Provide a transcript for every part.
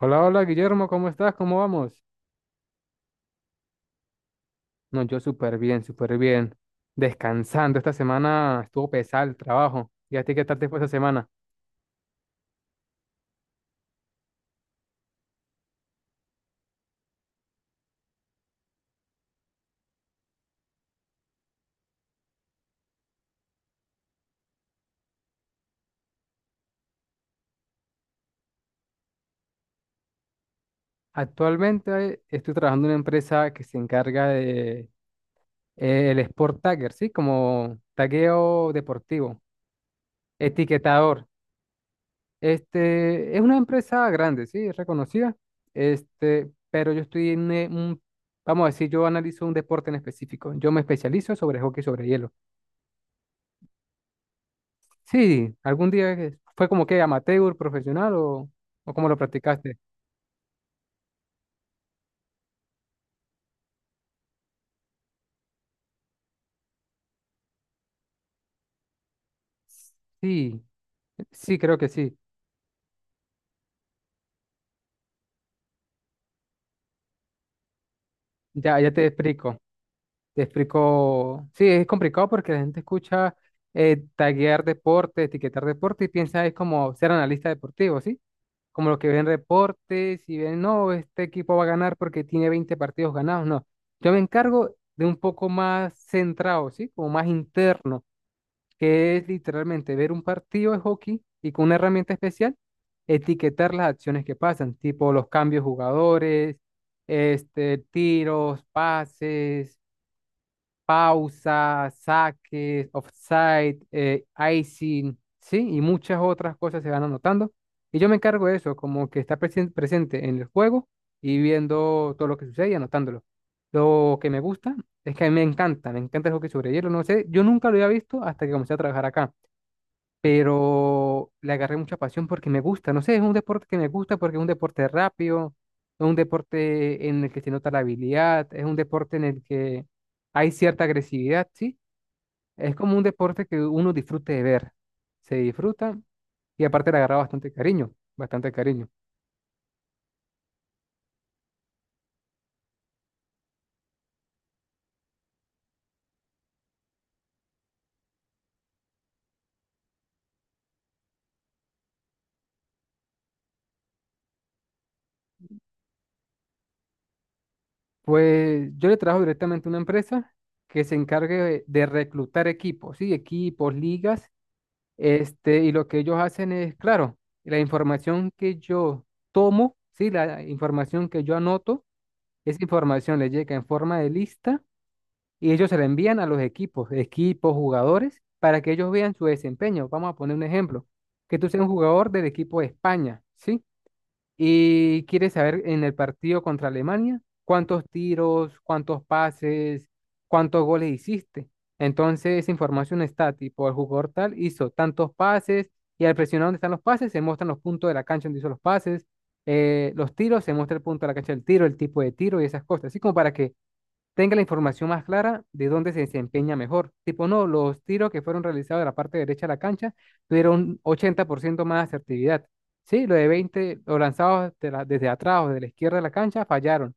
Hola, hola Guillermo, ¿cómo estás? ¿Cómo vamos? No, yo súper bien, súper bien. Descansando, esta semana estuvo pesado el trabajo. ¿Y a ti qué tal te fue esta semana? Actualmente estoy trabajando en una empresa que se encarga de el Sport Tagger, ¿sí? Como tagueo deportivo, etiquetador. Es una empresa grande, ¿sí? Es reconocida. Pero yo estoy en vamos a decir, yo analizo un deporte en específico. Yo me especializo sobre hockey sobre hielo. Sí, fue como que amateur, profesional, o cómo lo practicaste. Sí, sí, creo que sí. Ya, ya te explico. Te explico. Sí, es complicado porque la gente escucha taguear deporte, etiquetar deporte y piensa es como ser analista deportivo, ¿sí? Como los que ven reportes y ven, no, este equipo va a ganar porque tiene 20 partidos ganados. No, yo me encargo de un poco más centrado, ¿sí? Como más interno, que es literalmente ver un partido de hockey y con una herramienta especial etiquetar las acciones que pasan, tipo los cambios de jugadores, tiros, pases, pausas, saques, offside, icing, ¿sí? Y muchas otras cosas se van anotando. Y yo me encargo de eso, como que está presente en el juego y viendo todo lo que sucede y anotándolo. Lo que me gusta es que a mí me encanta el hockey sobre hielo, no sé, yo nunca lo había visto hasta que comencé a trabajar acá, pero le agarré mucha pasión porque me gusta, no sé, es un deporte que me gusta porque es un deporte rápido, es un deporte en el que se nota la habilidad, es un deporte en el que hay cierta agresividad, ¿sí? Es como un deporte que uno disfrute de ver, se disfruta, y aparte le agarra bastante cariño, bastante cariño. Pues yo le trabajo directamente a una empresa que se encargue de reclutar equipos, ¿sí? Equipos, ligas. Y lo que ellos hacen es, claro, la información que yo tomo, sí, la información que yo anoto, esa información le llega en forma de lista y ellos se la envían a los equipos, equipos, jugadores, para que ellos vean su desempeño. Vamos a poner un ejemplo, que tú seas un jugador del equipo de España, ¿sí? Y quiere saber en el partido contra Alemania cuántos tiros, cuántos pases, cuántos goles hiciste. Entonces, esa información está tipo, el jugador tal hizo tantos pases, y al presionar dónde están los pases se muestran los puntos de la cancha donde hizo los pases, los tiros, se muestra el punto de la cancha del tiro, el tipo de tiro y esas cosas. Así como para que tenga la información más clara de dónde se desempeña mejor. Tipo, no, los tiros que fueron realizados de la parte derecha de la cancha tuvieron 80% más asertividad. Sí, lo de 20, los lanzados desde atrás o de la izquierda de la cancha fallaron.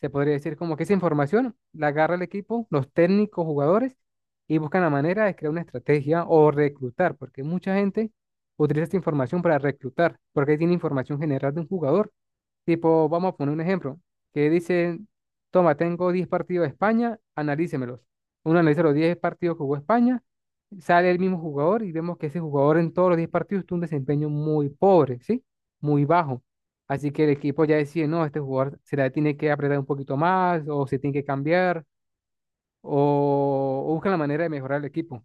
Se podría decir como que esa información la agarra el equipo, los técnicos, jugadores, y buscan la manera de crear una estrategia o reclutar, porque mucha gente utiliza esta información para reclutar, porque ahí tiene información general de un jugador. Tipo, vamos a poner un ejemplo, que dice, toma, tengo 10 partidos de España, analícemelos. Uno analiza los 10 partidos que jugó España, sale el mismo jugador y vemos que ese jugador en todos los 10 partidos tuvo un desempeño muy pobre, ¿sí? Muy bajo. Así que el equipo ya decide, no, este jugador se la tiene que apretar un poquito más o se tiene que cambiar, o busca la manera de mejorar el equipo.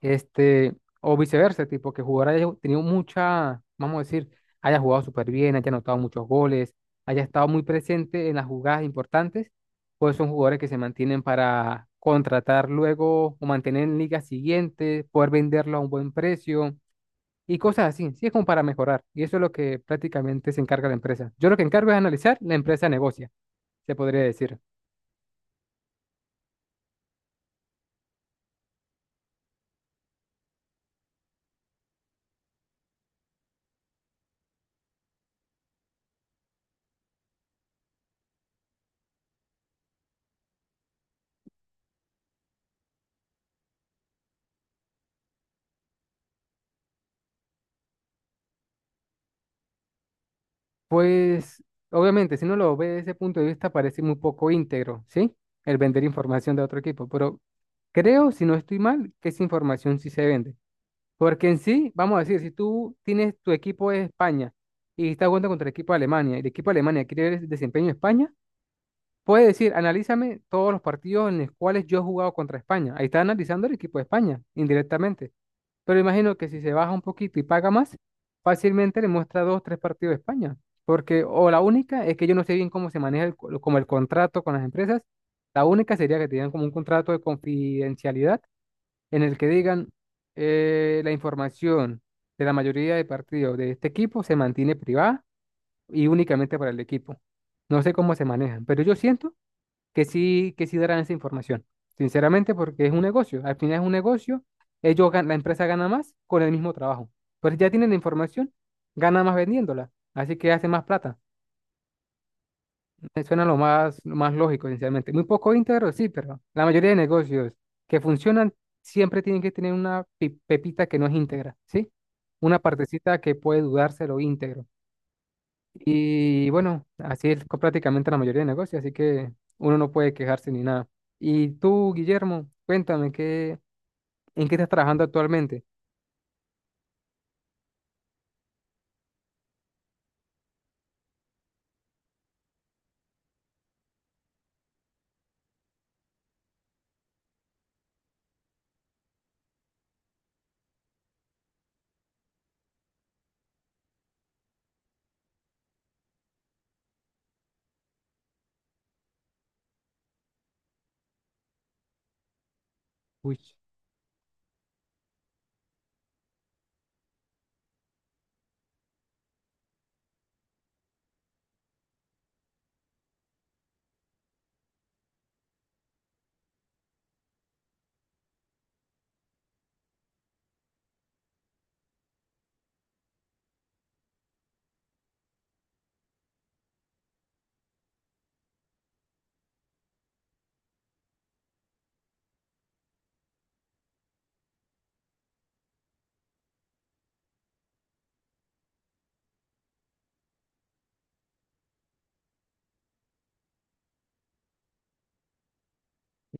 Este, o viceversa, tipo que el jugador haya tenido mucha, vamos a decir, haya jugado súper bien, haya anotado muchos goles, haya estado muy presente en las jugadas importantes, pues son jugadores que se mantienen para contratar luego o mantener en ligas siguientes, poder venderlo a un buen precio y cosas así. Sí, es como para mejorar. Y eso es lo que prácticamente se encarga la empresa. Yo lo que encargo es analizar, la empresa negocia, se podría decir. Pues, obviamente, si uno lo ve desde ese punto de vista, parece muy poco íntegro, ¿sí? El vender información de otro equipo. Pero creo, si no estoy mal, que esa información sí se vende. Porque en sí, vamos a decir, si tú tienes tu equipo de España y estás jugando contra el equipo de Alemania y el equipo de Alemania quiere ver el desempeño de España, puede decir, analízame todos los partidos en los cuales yo he jugado contra España. Ahí está analizando el equipo de España, indirectamente. Pero imagino que si se baja un poquito y paga más, fácilmente le muestra dos, tres partidos de España. Porque, o la única es que yo no sé bien cómo se maneja como el contrato con las empresas. La única sería que tengan como un contrato de confidencialidad en el que digan la información de la mayoría de partidos de este equipo se mantiene privada y únicamente para el equipo. No sé cómo se manejan, pero yo siento que sí darán esa información, sinceramente, porque es un negocio. Al final es un negocio, la empresa gana más con el mismo trabajo. Pero si ya tienen la información, gana más vendiéndola, así que hace más plata. Me suena lo más lógico, sinceramente. Muy poco íntegro, sí, pero la mayoría de negocios que funcionan siempre tienen que tener una pepita que no es íntegra, ¿sí? Una partecita que puede dudarse lo íntegro. Y bueno, así es prácticamente la mayoría de negocios, así que uno no puede quejarse ni nada. Y tú, Guillermo, cuéntame, en qué estás trabajando actualmente? Uy.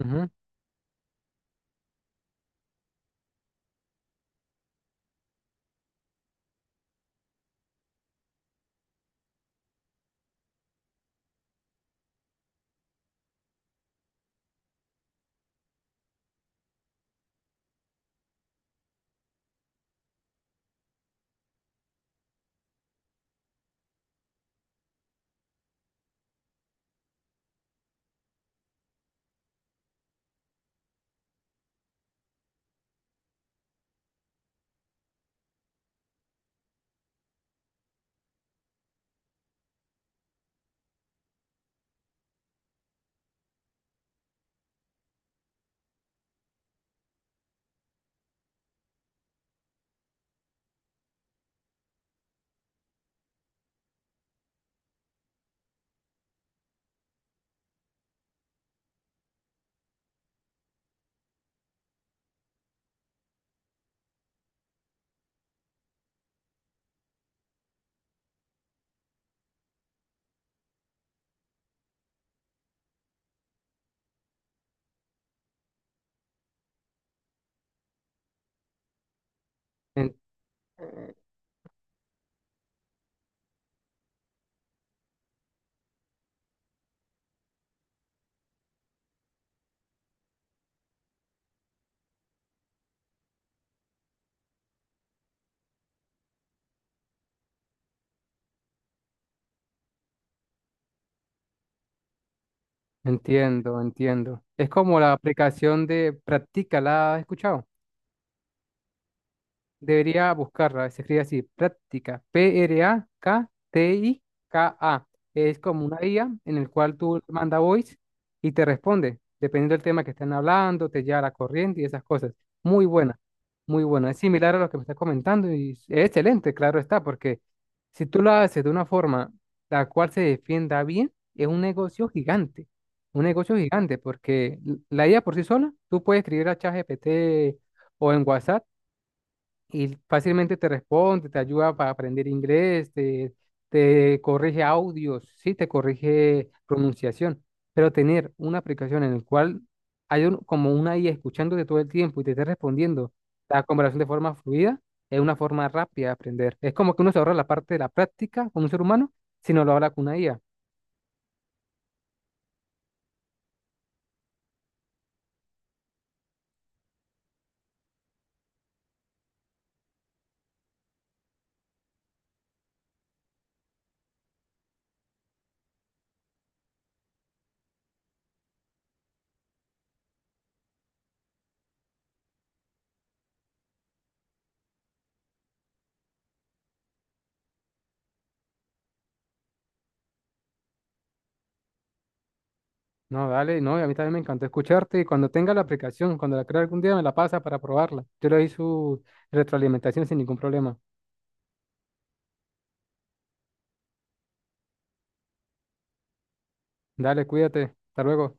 Ujú, en- entiendo, entiendo. Es como la aplicación de Practica, ¿la has escuchado? Debería buscarla, se escribe así, práctica, P-R-A-K-T-I-K-A. Es como una IA en el cual tú manda voice y te responde, dependiendo del tema que estén hablando, te lleva a la corriente y esas cosas. Muy buena, muy buena. Es similar a lo que me estás comentando y es excelente, claro está, porque si tú lo haces de una forma la cual se defienda bien, es un negocio gigante, porque la IA por sí sola, tú puedes escribir a ChatGPT o en WhatsApp y fácilmente te responde, te ayuda para aprender inglés, te, corrige audios, sí, te corrige pronunciación, pero tener una aplicación en la cual hay como una IA escuchándote todo el tiempo y te esté respondiendo la conversación de forma fluida, es una forma rápida de aprender. Es como que uno se ahorra la parte de la práctica con un ser humano si no lo habla con una IA. No, dale, no, y a mí también me encantó escucharte y cuando tenga la aplicación, cuando la crea algún día me la pasa para probarla. Yo le doy su retroalimentación sin ningún problema. Dale, cuídate. Hasta luego.